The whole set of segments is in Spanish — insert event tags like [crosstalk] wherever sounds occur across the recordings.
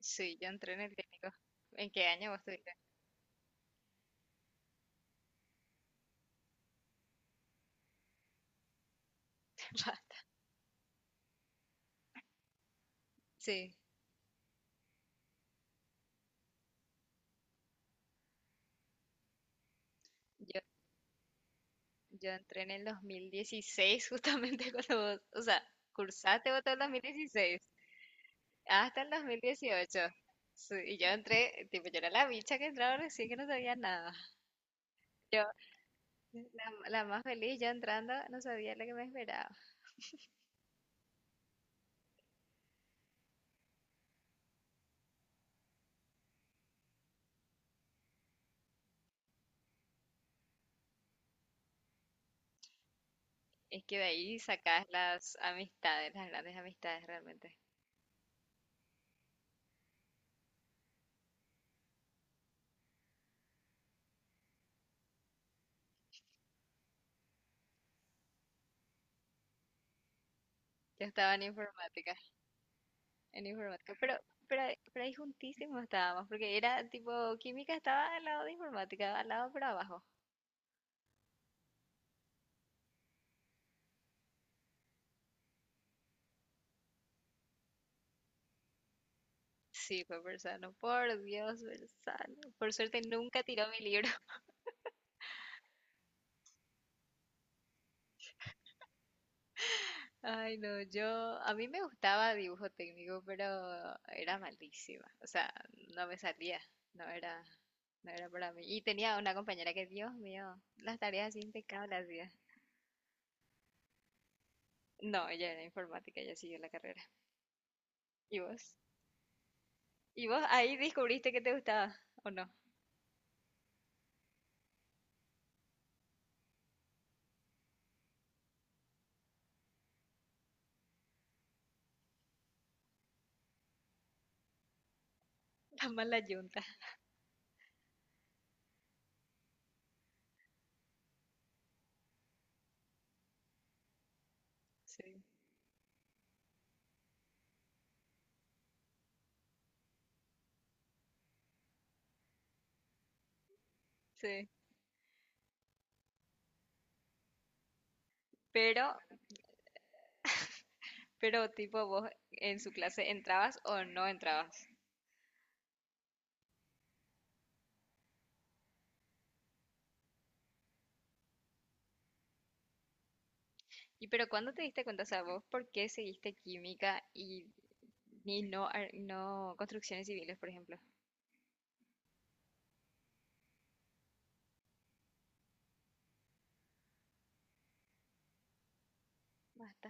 Sí, yo entré en el técnico. ¿En qué año vos estuviste? [laughs] Sí, yo, yo entré en el 2016 justamente [laughs] cuando vos, o sea, cursaste vos todo el 2016 hasta el 2018. Sí, y yo entré, tipo, yo era la bicha que entraba recién que no sabía nada. Yo, la más feliz, yo entrando, no sabía lo que me esperaba. Es que de ahí sacás las amistades, las grandes amistades realmente. Yo estaba en informática. En informática. Pero ahí juntísimos estábamos, porque era tipo, química estaba al lado de informática, al lado para abajo. Sí, fue Persano, por Dios, Persano. Por suerte nunca tiró mi libro. [laughs] Ay, no, a mí me gustaba dibujo técnico, pero era malísima. O sea, no me salía, no era, no era para mí. Y tenía una compañera que, Dios mío, las tareas así impecables hacía. No, ella era informática, ella siguió la carrera. ¿Y vos? ¿Y vos ahí descubriste que te gustaba o no? Está mal la yunta. Sí. Sí. Pero, pero tipo vos en su clase entrabas o no entrabas. Y pero ¿cuándo te diste cuenta, o sea, vos por qué seguiste química y, no, no construcciones civiles, por ejemplo? Basta.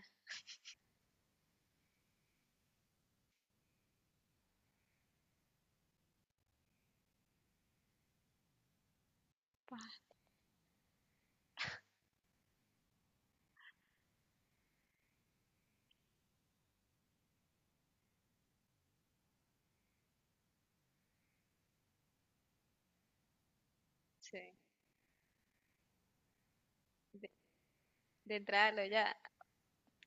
Sí. De, de entrada lo ya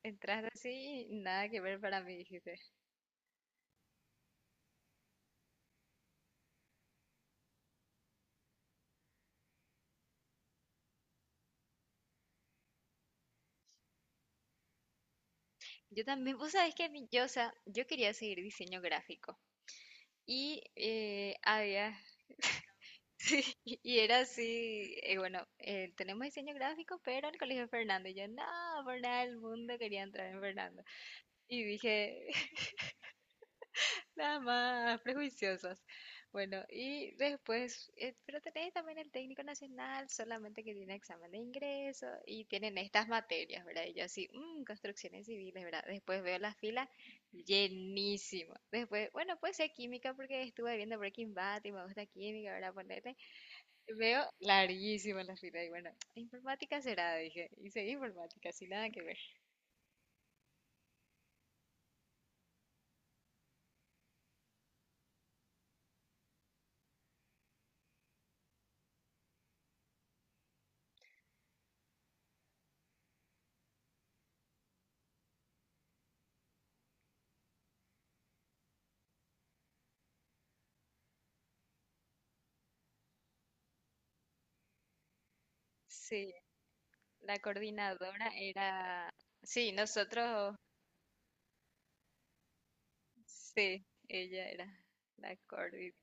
entraste así, nada que ver para mí, dijiste. Yo también, vos sabés que yo, o sea, yo quería seguir diseño gráfico. Y había [laughs] Sí, [laughs] y era así, bueno, tenemos diseño gráfico, pero el colegio de Fernando. Y yo, no, por nada del mundo quería entrar en Fernando. Y dije, [laughs] nada más, prejuiciosas. Bueno, y después, pero tenés también el técnico nacional, solamente que tiene examen de ingreso y tienen estas materias, ¿verdad? Y yo así, "Mm, construcciones civiles, ¿verdad? Después veo la fila llenísima. Después, bueno, puede ser química porque estuve viendo Breaking Bad y me gusta química, ¿verdad? Poner veo larguísima la fila y bueno, informática será, dije. Y seguí informática, sin nada que ver. Sí, la coordinadora era... Sí, nosotros, sí, ella era la coordinadora.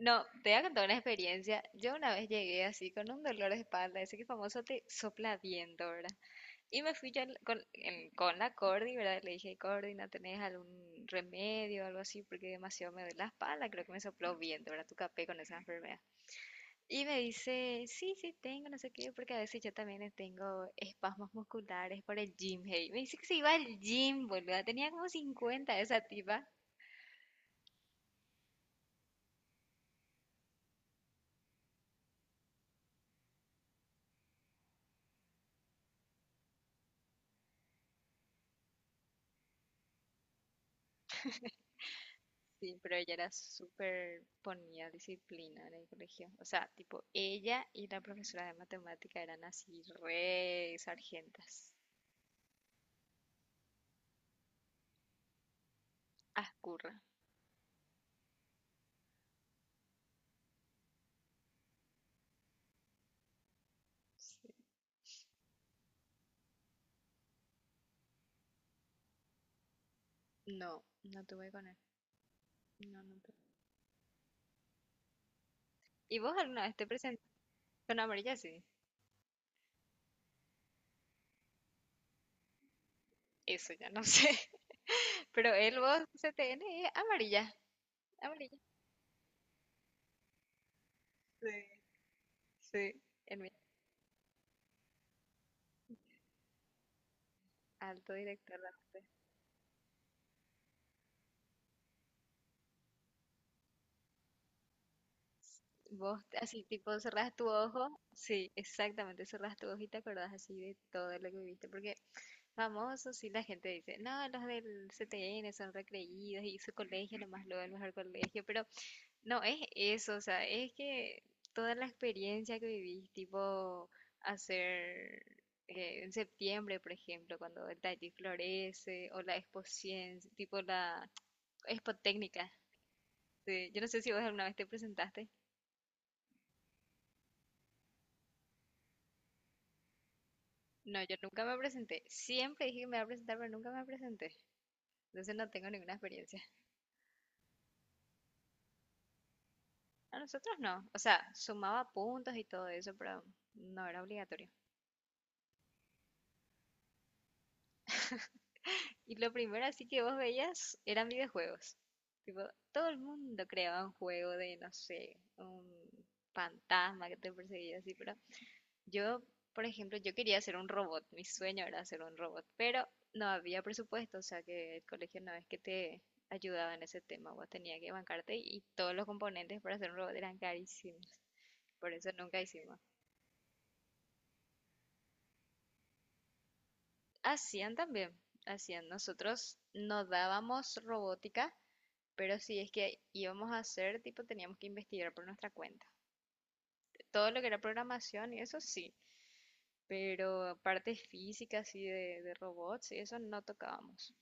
No, te voy a contar una experiencia. Yo una vez llegué así con un dolor de espalda, ese que famoso te sopla viento, ¿verdad? Y me fui yo con la Cordi, ¿verdad? Le dije, Cordi, ¿no tenés algún remedio o algo así? Porque demasiado me duele la espalda, creo que me sopló viento, ¿verdad? Tu capé con esa enfermedad. Y me dice, sí, sí, tengo, no sé qué, porque a veces yo también tengo espasmos musculares por el gym, hey. Me dice que se iba al gym, boluda. Tenía como 50 esa tipa. Sí, pero ella era súper, ponía disciplina en el colegio. O sea, tipo, ella y la profesora de matemática eran así, re sargentas. Ascurra. Sí. No, no tuve con él. No, no tuve. ¿Y vos alguna vez te presentaste con amarilla? Sí. Eso ya no sé. [laughs] Pero él, vos, CTN, es amarilla. Amarilla. Sí, sí. El mi- Alto director de arte. Vos así tipo cerrás tu ojo, sí, exactamente, cerrás tu ojo y te acordás así de todo lo que viviste, porque famosos sí la gente dice, no, los del CTN son recreídos y su colegio nomás lo el mejor colegio, pero no es eso, o sea, es que toda la experiencia que vivís, tipo hacer en septiembre, por ejemplo, cuando el taller florece o la exposición, tipo la expo. Sí, yo no sé si vos alguna vez te presentaste. No, yo nunca me presenté. Siempre dije que me iba a presentar, pero nunca me presenté. Entonces no tengo ninguna experiencia. A nosotros no. O sea, sumaba puntos y todo eso, pero no era obligatorio. Y lo primero así que vos veías eran videojuegos. Tipo, todo el mundo creaba un juego de, no sé, un fantasma que te perseguía así, pero yo, por ejemplo, yo quería hacer un robot, mi sueño era hacer un robot, pero no había presupuesto, o sea que el colegio no es que te ayudaba en ese tema, vos tenías que bancarte y todos los componentes para hacer un robot eran carísimos, por eso nunca hicimos. Hacían también, nosotros no dábamos robótica, pero si es que íbamos a hacer, tipo, teníamos que investigar por nuestra cuenta. Todo lo que era programación y eso sí, pero partes físicas y de robots y eso no tocábamos.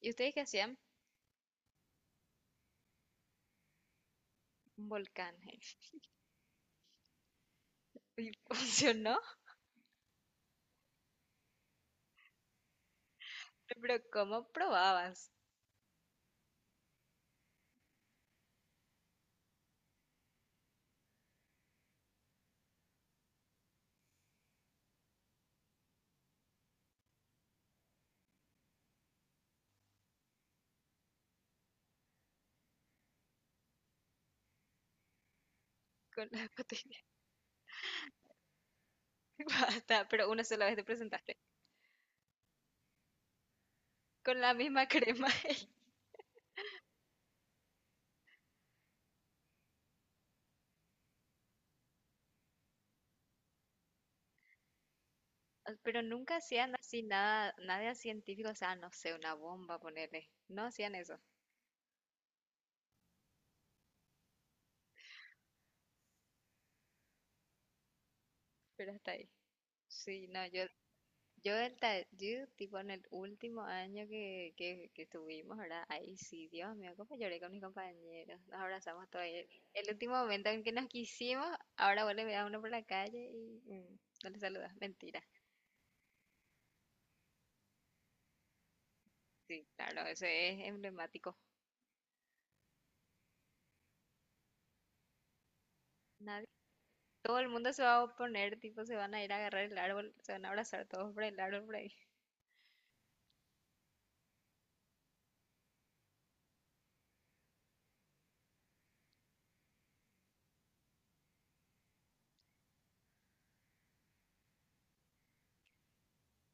¿Y ustedes qué hacían? Un volcán. Y [laughs] funcionó, pero ¿cómo probabas? Con la botella. [laughs] Basta, pero una sola vez te presentaste. Con la misma crema. [laughs] Pero nunca hacían así nada, nada científico, o sea, no sé, una bomba, ponerle. No hacían eso, pero hasta ahí. Sí, no, yo yo el Tajú, tipo en el último año que estuvimos, ¿verdad? Ahí sí, Dios mío, cómo lloré con mis compañeros. Nos abrazamos todo ahí. El último momento en que nos quisimos, ahora vos le veas a uno por la calle y no le saludas. Mentira. Sí, claro, eso es emblemático. Nadie, todo el mundo se va a oponer, tipo, se van a ir a agarrar el árbol, se van a abrazar todos por el árbol por ahí,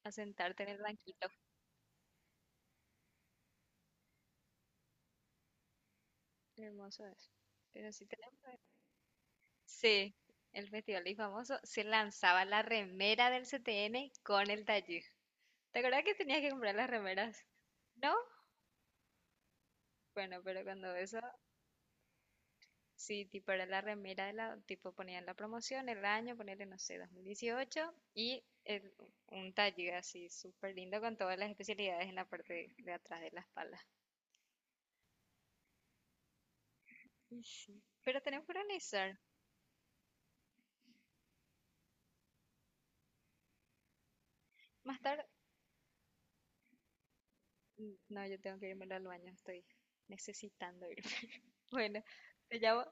a sentarte en el banquito. Qué hermoso es. Pero sí tenemos. Sí, el festival y famoso se lanzaba la remera del CTN con el taller. ¿Te acuerdas que tenías que comprar las remeras? ¿No? Bueno, pero cuando eso, sí, tipo era la remera de la, tipo ponían la promoción, el año, ponerle, no sé, 2018 y un taller así súper lindo con todas las especialidades en la parte de atrás de la espalda. Y sí, pero tenemos que organizar. Más tarde, no, yo tengo que irme al baño, estoy necesitando irme. [laughs] Bueno, te llamo,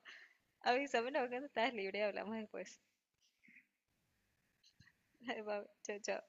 avísame luego cuando estás libre y hablamos después. [laughs] Dale, chao, chao.